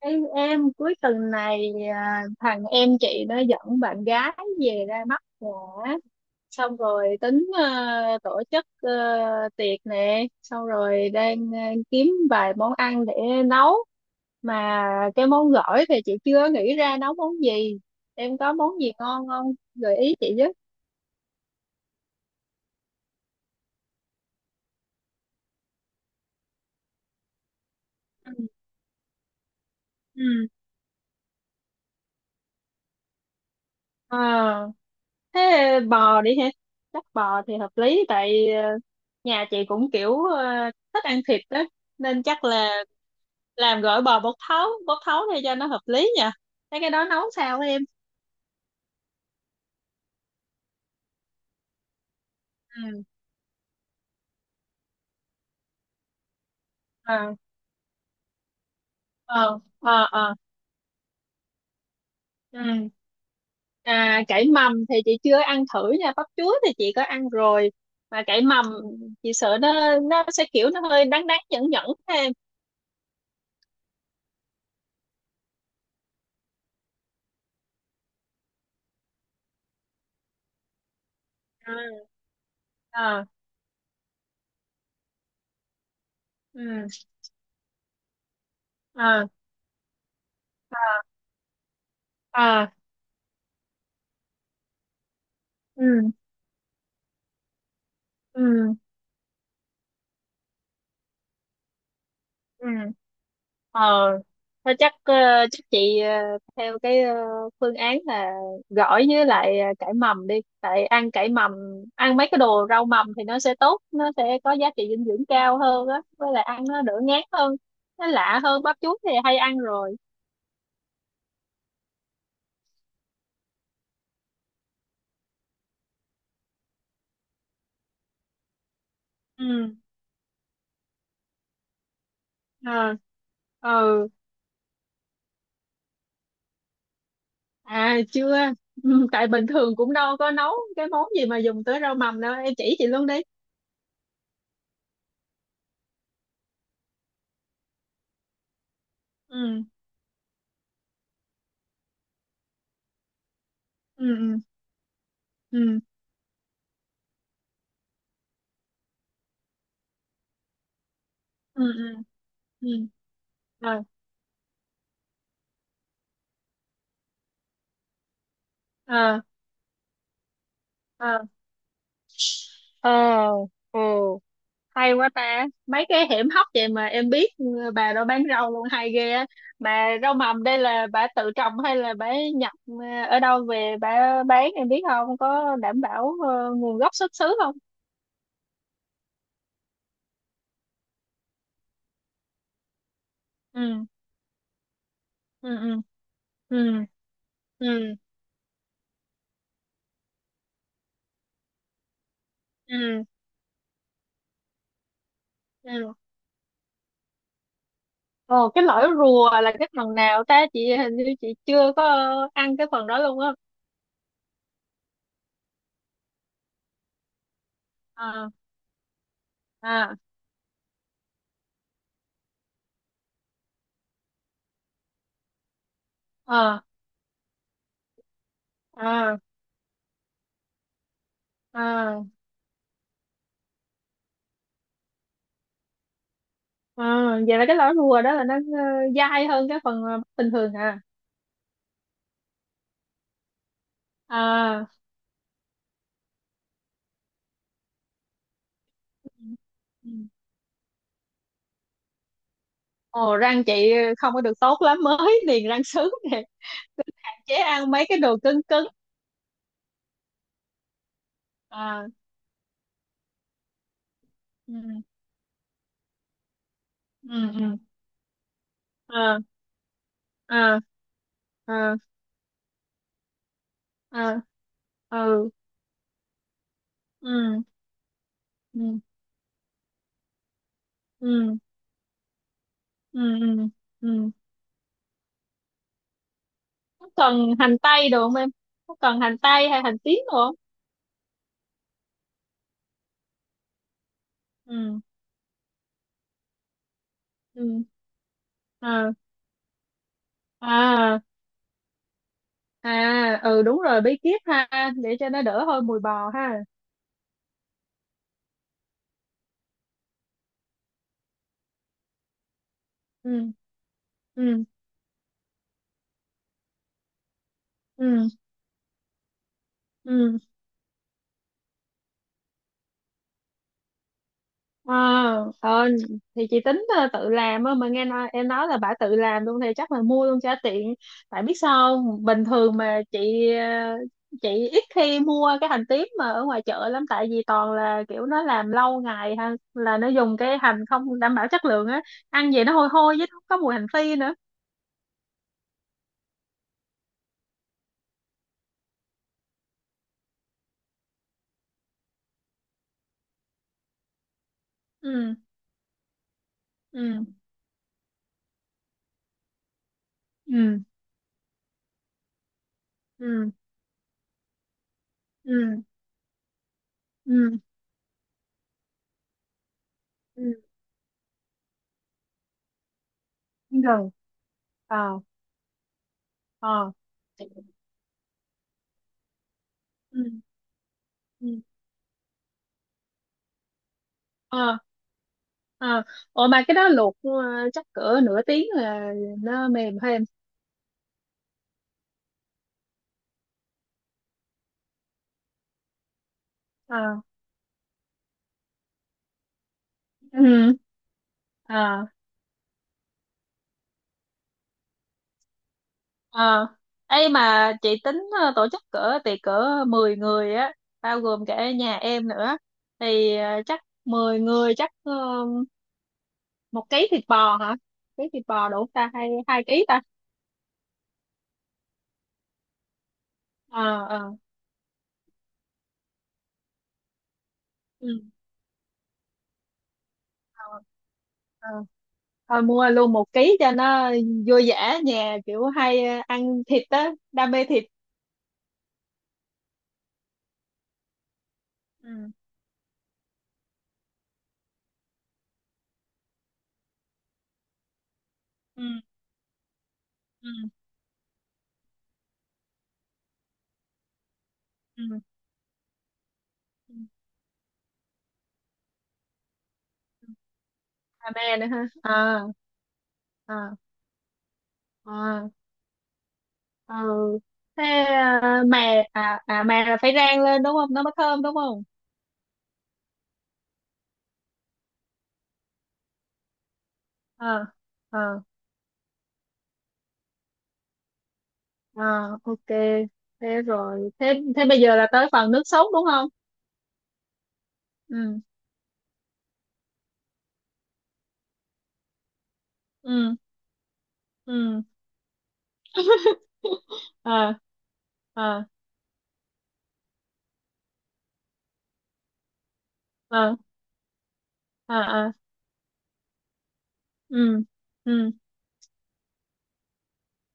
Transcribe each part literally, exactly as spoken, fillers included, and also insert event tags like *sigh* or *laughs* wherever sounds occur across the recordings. Ê, em cuối tuần này, à, thằng em chị nó dẫn bạn gái về ra mắt nhà á. Xong rồi tính ờ, tổ chức ờ, tiệc nè, xong rồi đang ờ, kiếm vài món ăn để nấu, mà cái món gỏi thì chị chưa nghĩ ra nấu món gì. Em có món gì ngon không, gợi ý chị với. Ừ. Ừ. Ờ, thế bò đi ha, chắc bò thì hợp lý, tại ờ, nhà chị cũng kiểu ờ, thích ăn thịt đó, nên chắc là làm gỏi bò bột thấu bột thấu để cho nó hợp lý nha. Thế cái đó nấu sao em? Ừ. Ờ. Ờ. Ờ. Ờ. Ừ. À, cải mầm thì chị chưa ăn thử nha, bắp chuối thì chị có ăn rồi, mà cải mầm chị sợ nó nó sẽ kiểu nó hơi đắng đắng nhẫn nhẫn thêm. À. Ờ. Ừ. Ờ. Ờ. Ừ. Ừ. Ừ. Ờ. Thôi chắc ờ, chắc chị, ờ, theo cái, ờ, phương án là gỏi với lại ờ, cải mầm đi. Tại ăn cải mầm, ăn mấy cái đồ rau mầm thì nó sẽ tốt, nó sẽ có giá trị dinh dưỡng cao hơn á, với lại ăn nó đỡ ngán hơn, nó lạ hơn, bắp chuối thì hay ăn rồi. Ừ ờ ừ. À, chưa. Ừ, tại bình thường cũng đâu có nấu cái món gì mà dùng tới rau mầm đâu, em chỉ chị luôn đi. Ừ. Ừ. Ừ. Ừ. Ừ. Ừ. Ừ. Rồi. Ờ. Ờ. Ờ. Ừ. Hay quá ta, mấy cái hiểm hóc vậy mà em biết, ừ, bà đó bán rau luôn hay ghê á. Mà rau mầm đây là bà tự trồng hay là bà nhập, ờ, ở đâu về bà bán, em biết không, có đảm bảo ờ, nguồn gốc xuất xứ không? Ừ. Ừ. Ừ. Ừ. Ừ. Ừ. Ừ. Ồ, cái lõi rùa là cái phần nào ta, chị hình như chị chưa có ờ, ăn cái phần đó luôn á. À. À. À. À. À. À, vậy là cái lõi rùa đó là nó ờ, dai hơn cái phần ờ, bình thường à? À. Ừ. Ồ, răng chị không có được tốt lắm, mới *laughs* niềng răng sứ nè, hạn chế ăn mấy cái đồ cứng cứng. À. Ừ. Ừ. Ừ. À. À. À. À. Ừ. Ừ. Ừ. Ừ. Ừ. Ừ. Ừ. Có cần hành tây được không em? Có cần hành tây hay hành tím được không? Ừ. Ừ. À. À. À. Ừ, đúng rồi, bí kíp ha, để cho nó đỡ hơi mùi bò ha. Ừ. Ừ. Ừ. Ừ. Ờ. Ờ, thì chị tính ờ, tự làm á, mà nghe nói em nói là bà tự làm luôn thì chắc là mua luôn cho tiện. Tại biết sao không? Bình thường mà chị ờ, chị ít khi mua cái hành tím mà ở ngoài chợ lắm, tại vì toàn là kiểu nó làm lâu ngày ha, là nó dùng cái hành không đảm bảo chất lượng á, ăn vậy nó hôi hôi, với nó có mùi hành phi nữa. Ừ. Ừ. Ừ. Ừ. Ừ. Ừ. Ừ. Gần. Ờ. Ờ. Ừ. Ừ. Ờ. Ờ. Ủa, mà cái đó luộc ờ, chắc cỡ nửa tiếng là nó mềm thêm? Ờ. Ừ. Ờ. Ờ. Ấy, mà chị tính ờ, tổ chức cỡ tiệc cỡ mười người á, bao gồm cả nhà em nữa, thì ờ, chắc mười người chắc ờ, một ký thịt bò hả? Ký thịt bò đủ không ta, hay hai ký ta? Ờ. Ờ. Ừ. Ờ. Ờ, thôi mua luôn một ký cho nó vui vẻ, nhà kiểu hay ờ, ăn thịt á, đam mê thịt. Ừ. Ừ. Ừ. Ừ. Ừ. Đam mê nữa ha. Ờ. Ờ. Ờ. Ừ. Thế ờ, mè à à mè là phải rang lên đúng không, nó mới thơm đúng không? Ờ. Ờ. Ờ. OK. Thế rồi, thế thế bây giờ là tới phần nước sốt đúng không? Ừ. Ừ. Ừ. *laughs* Ờ. Ờ. Ờ. Ờ. Ờ. Ừ. Ừ.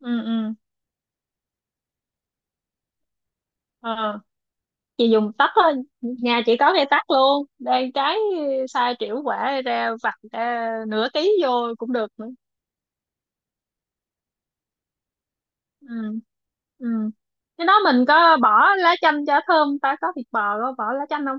Ừ. Ừ. Ờ, chị dùng tắt thôi, nhà chị có cây tắt luôn đây, trái sai triệu quả, ra vặt ra nửa ký vô cũng được nữa. Ừ. Ừ. Cái đó mình có bỏ lá chanh cho thơm ta, có thịt bò có bỏ lá chanh không?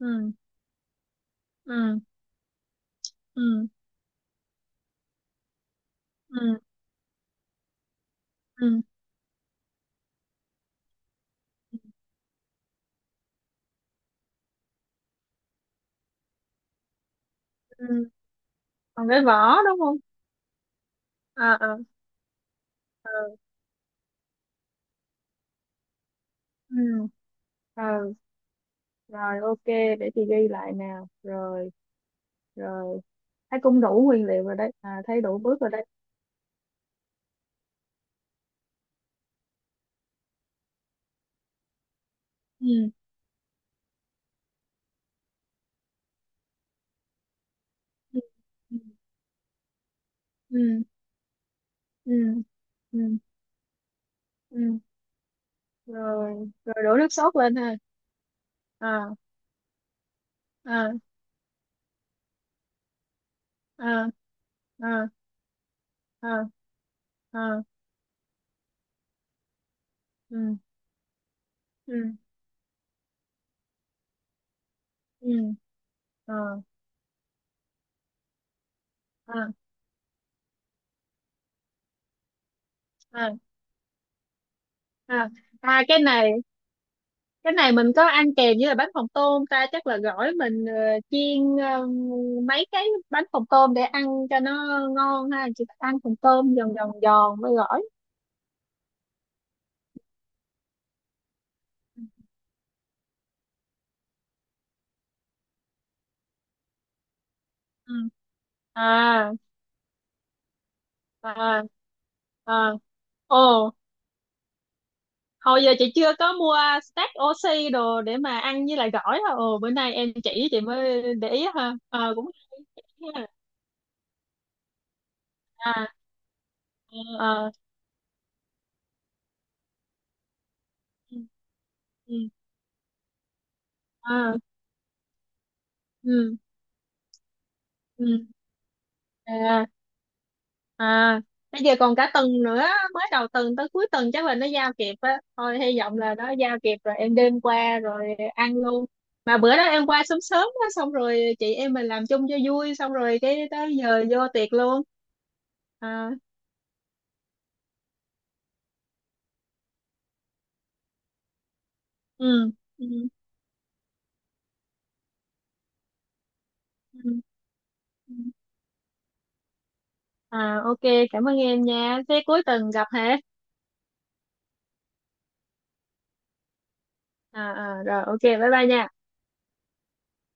Ừ. Ừ. Ừ. Ừ. Ừ. Ừ. Còn cái vỏ đúng không? Ờ. Ờ. Ờ. Ừ. Ờ. Rồi, OK, để chị ghi lại nào. Rồi, rồi, thấy cũng đủ nguyên liệu rồi đấy, à, thấy đủ bước rồi đấy. Ừ. Ừ. Ừ. Ừ. Ừ. Ừ. Ừ. Rồi, rồi đổ nước sốt lên ha. À. À. À. À. À. À. Ừ. Ừ. Ừ. À. À. À. À. À, cái này cái này mình có ăn kèm với là bánh phồng tôm ta, chắc là gỏi mình ờ, chiên ờ, mấy cái bánh phồng tôm để ăn cho nó ngon ha, chị ăn phồng tôm giòn giòn giòn với gỏi. Ừ. À. À. À. Ồ, hồi giờ chị chưa có mua stack oxy đồ để mà ăn với lại gỏi hả? Ồ, bữa nay em chỉ chị mới để ý ha, ờ, cũng hay ha. À. Ờ. Ừ. Ừ. À. Ừ. Ừ. Ừ. À. À. Bây giờ còn cả tuần nữa, mới đầu tuần tới cuối tuần chắc là nó giao kịp á, thôi hy vọng là nó giao kịp rồi em đem qua rồi ăn luôn. Mà bữa đó em qua sớm sớm á, xong rồi chị em mình làm chung cho vui, xong rồi cái tới giờ vô tiệc luôn. À. Ừ. Ừ. Ừ. À, OK, cảm ơn em nha, thế cuối tuần gặp hả? À, à rồi, OK, bye bye nha.